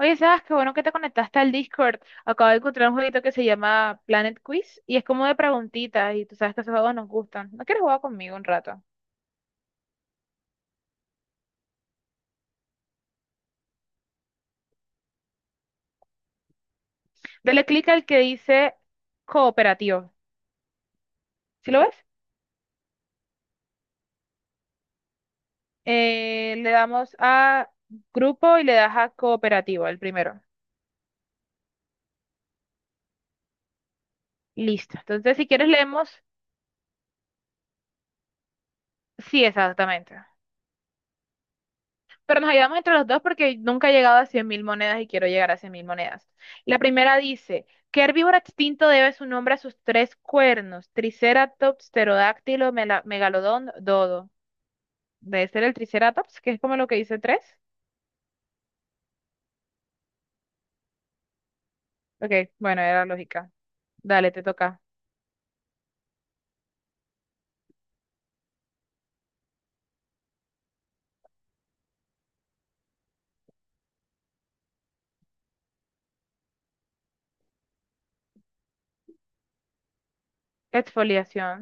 Oye, sabes qué bueno que te conectaste al Discord. Acabo de encontrar un jueguito que se llama Planet Quiz y es como de preguntitas y tú sabes que esos juegos nos gustan. ¿No quieres jugar conmigo un rato? Dale clic al que dice cooperativo. ¿Sí lo ves? Le damos a grupo y le das a cooperativo, el primero. Listo. Entonces, si quieres, leemos. Sí, exactamente. Pero nos ayudamos entre los dos porque nunca he llegado a 100.000 monedas y quiero llegar a 100.000 monedas. La primera dice, ¿qué herbívoro extinto debe su nombre a sus tres cuernos? Triceratops, pterodáctilo, megalodón, dodo. Debe ser el Triceratops, que es como lo que dice tres. Ok, bueno, era lógica. Dale, te toca. Exfoliación.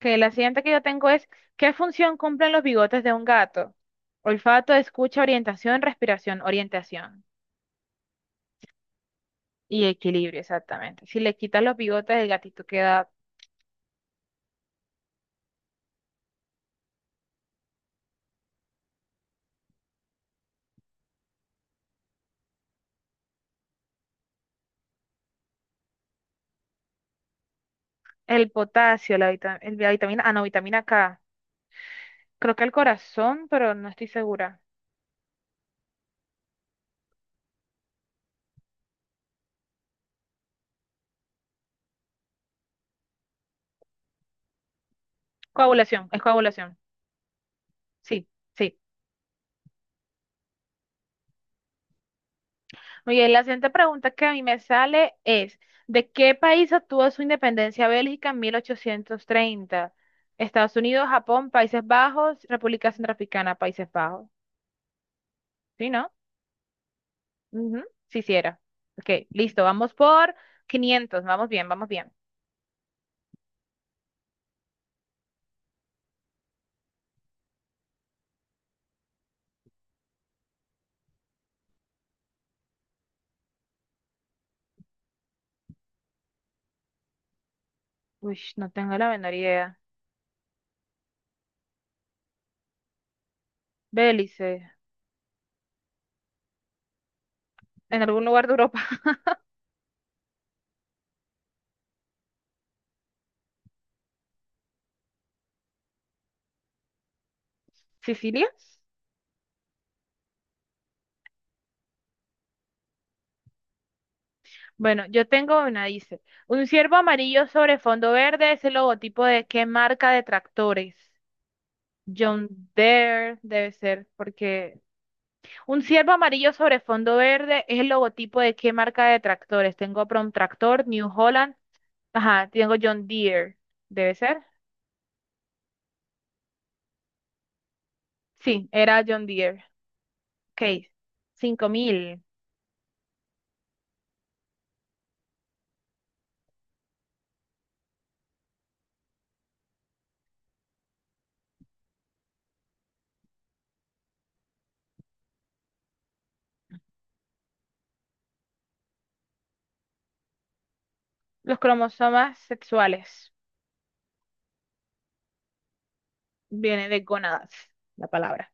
Que la siguiente que yo tengo es, ¿qué función cumplen los bigotes de un gato? Olfato, escucha, orientación, respiración, orientación. Y equilibrio, exactamente. Si le quitas los bigotes, el gatito queda el potasio, la vitamina, ah, no, vitamina K. Creo que el corazón, pero no estoy segura. Coagulación, es coagulación. Sí, sí. Muy bien, la siguiente pregunta que a mí me sale es, ¿de qué país obtuvo su independencia Bélgica en 1830? Estados Unidos, Japón, Países Bajos, República Centroafricana, Países Bajos. ¿Sí, no? Ujú. Sí, sí era. Ok, listo, vamos por 500, vamos bien, vamos bien. Uy, no tengo la menor idea. Bélice, en algún lugar de Europa. ¿Sicilia? Bueno, yo tengo una, dice. Un ciervo amarillo sobre fondo verde es el logotipo de qué marca de tractores. John Deere debe ser, porque un ciervo amarillo sobre fondo verde es el logotipo de qué marca de tractores. Tengo Prom Tractor, New Holland, ajá, tengo John Deere, debe ser. Sí, era John Deere. Ok, 5.000. Los cromosomas sexuales. Viene de gonadas la palabra.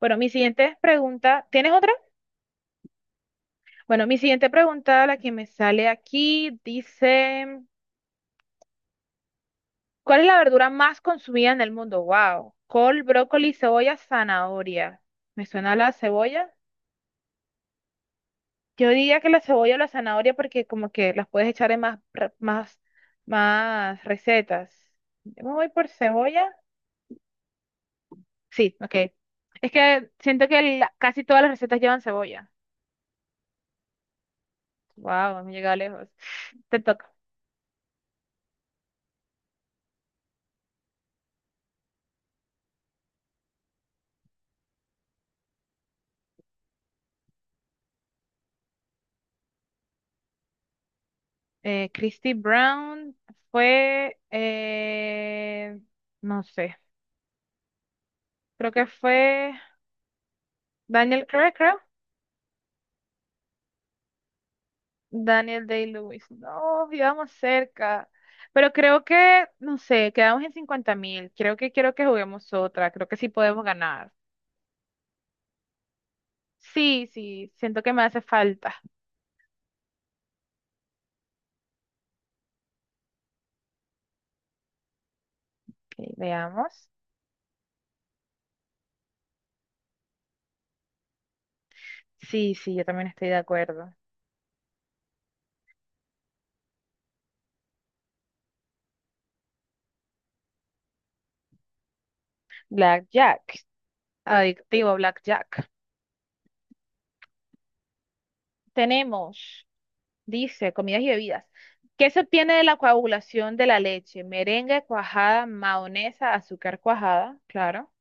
Bueno, mi siguiente pregunta, ¿tienes otra? Bueno, mi siguiente pregunta, la que me sale aquí, dice, ¿cuál es la verdura más consumida en el mundo? Wow, col, brócoli, cebolla, zanahoria. ¿Me suena la cebolla? Yo diría que la cebolla o la zanahoria porque como que las puedes echar en más, más recetas. Yo me voy por cebolla. Sí, ok. Es que siento que casi todas las recetas llevan cebolla. Wow, hemos llegado lejos. Te toca. Christy Brown fue, no sé, creo que fue Daniel Craig, creo. Daniel Day-Lewis. No, íbamos cerca. Pero creo que, no sé, quedamos en 50 mil. Creo que quiero que juguemos otra. Creo que sí podemos ganar. Sí, sí, siento que me hace falta. Ok, veamos. Sí, sí, yo también estoy de acuerdo. Blackjack. Adictivo Blackjack. Tenemos. Dice, comidas y bebidas. ¿Qué se obtiene de la coagulación de la leche? Merengue, cuajada, mahonesa, azúcar cuajada, claro.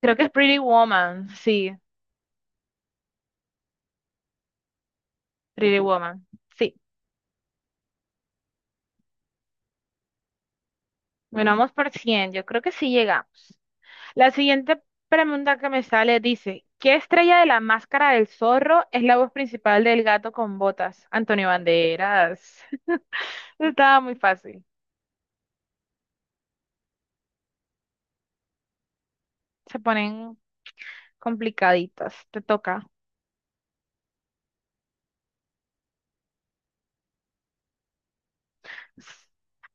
Creo que es Pretty Woman. Sí, bueno, vamos por 100 yo creo que sí llegamos. La siguiente pregunta que me sale dice, ¿qué estrella de la máscara del zorro es la voz principal del gato con botas? Antonio Banderas. Estaba muy fácil. Se ponen complicaditas, te toca.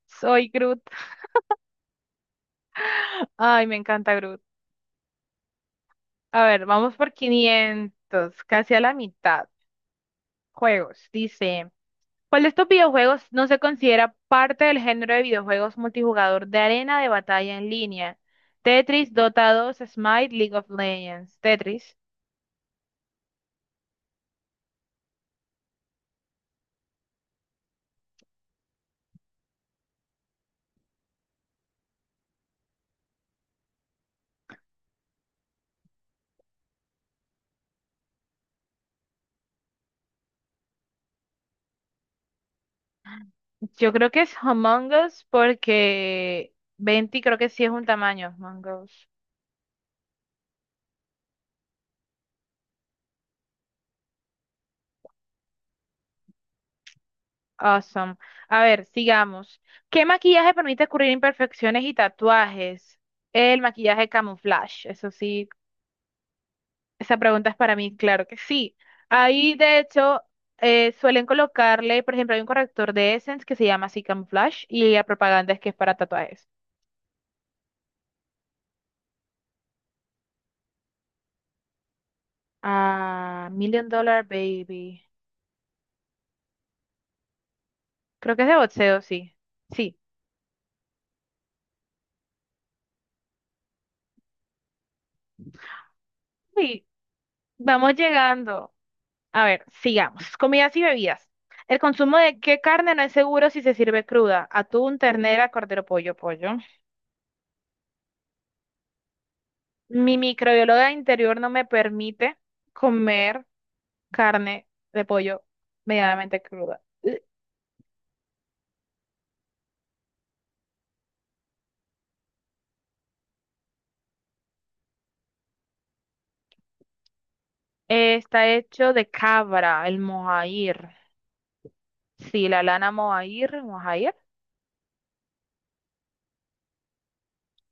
Soy Groot. Ay, me encanta Groot. A ver, vamos por 500, casi a la mitad. Juegos, dice. ¿Cuál de estos videojuegos no se considera parte del género de videojuegos multijugador de arena de batalla en línea? Tetris, Dota 2, Smite, League of Legends. Tetris. Yo creo que es Among Us porque 20 creo que sí es un tamaño. Among Us. Awesome. A ver, sigamos. ¿Qué maquillaje permite cubrir imperfecciones y tatuajes? El maquillaje camuflaje. Eso sí. Esa pregunta es para mí, claro que sí. Ahí, de hecho, suelen colocarle, por ejemplo, hay un corrector de Essence que se llama así Camouflage y la propaganda es que es para tatuajes. Ah, Million Dollar Baby. Creo que es de boxeo, sí. Sí, sí. Vamos llegando. A ver, sigamos. Comidas y bebidas. El consumo de qué carne no es seguro si se sirve cruda. Atún, ternera, cordero, pollo, pollo. Mi microbióloga interior no me permite comer carne de pollo medianamente cruda. Está hecho de cabra, el mohair. Sí, la lana mohair, mohair.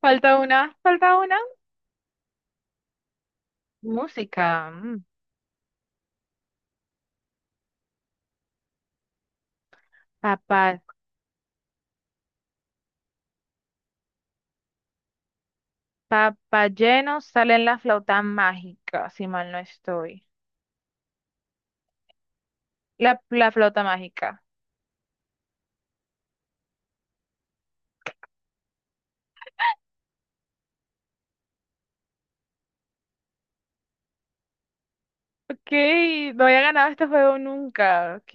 Falta una, falta una. Música. Mm. Papá, papá lleno sale en la flauta mágica, si mal no estoy. La flauta mágica. Ok, no había ganado este juego nunca. Ok.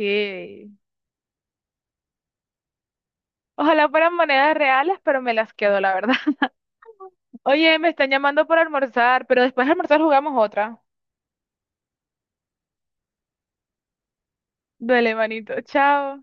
Ojalá fueran monedas reales, pero me las quedo, la verdad. Oye, me están llamando por almorzar, pero después de almorzar jugamos otra. Duele manito. Chao.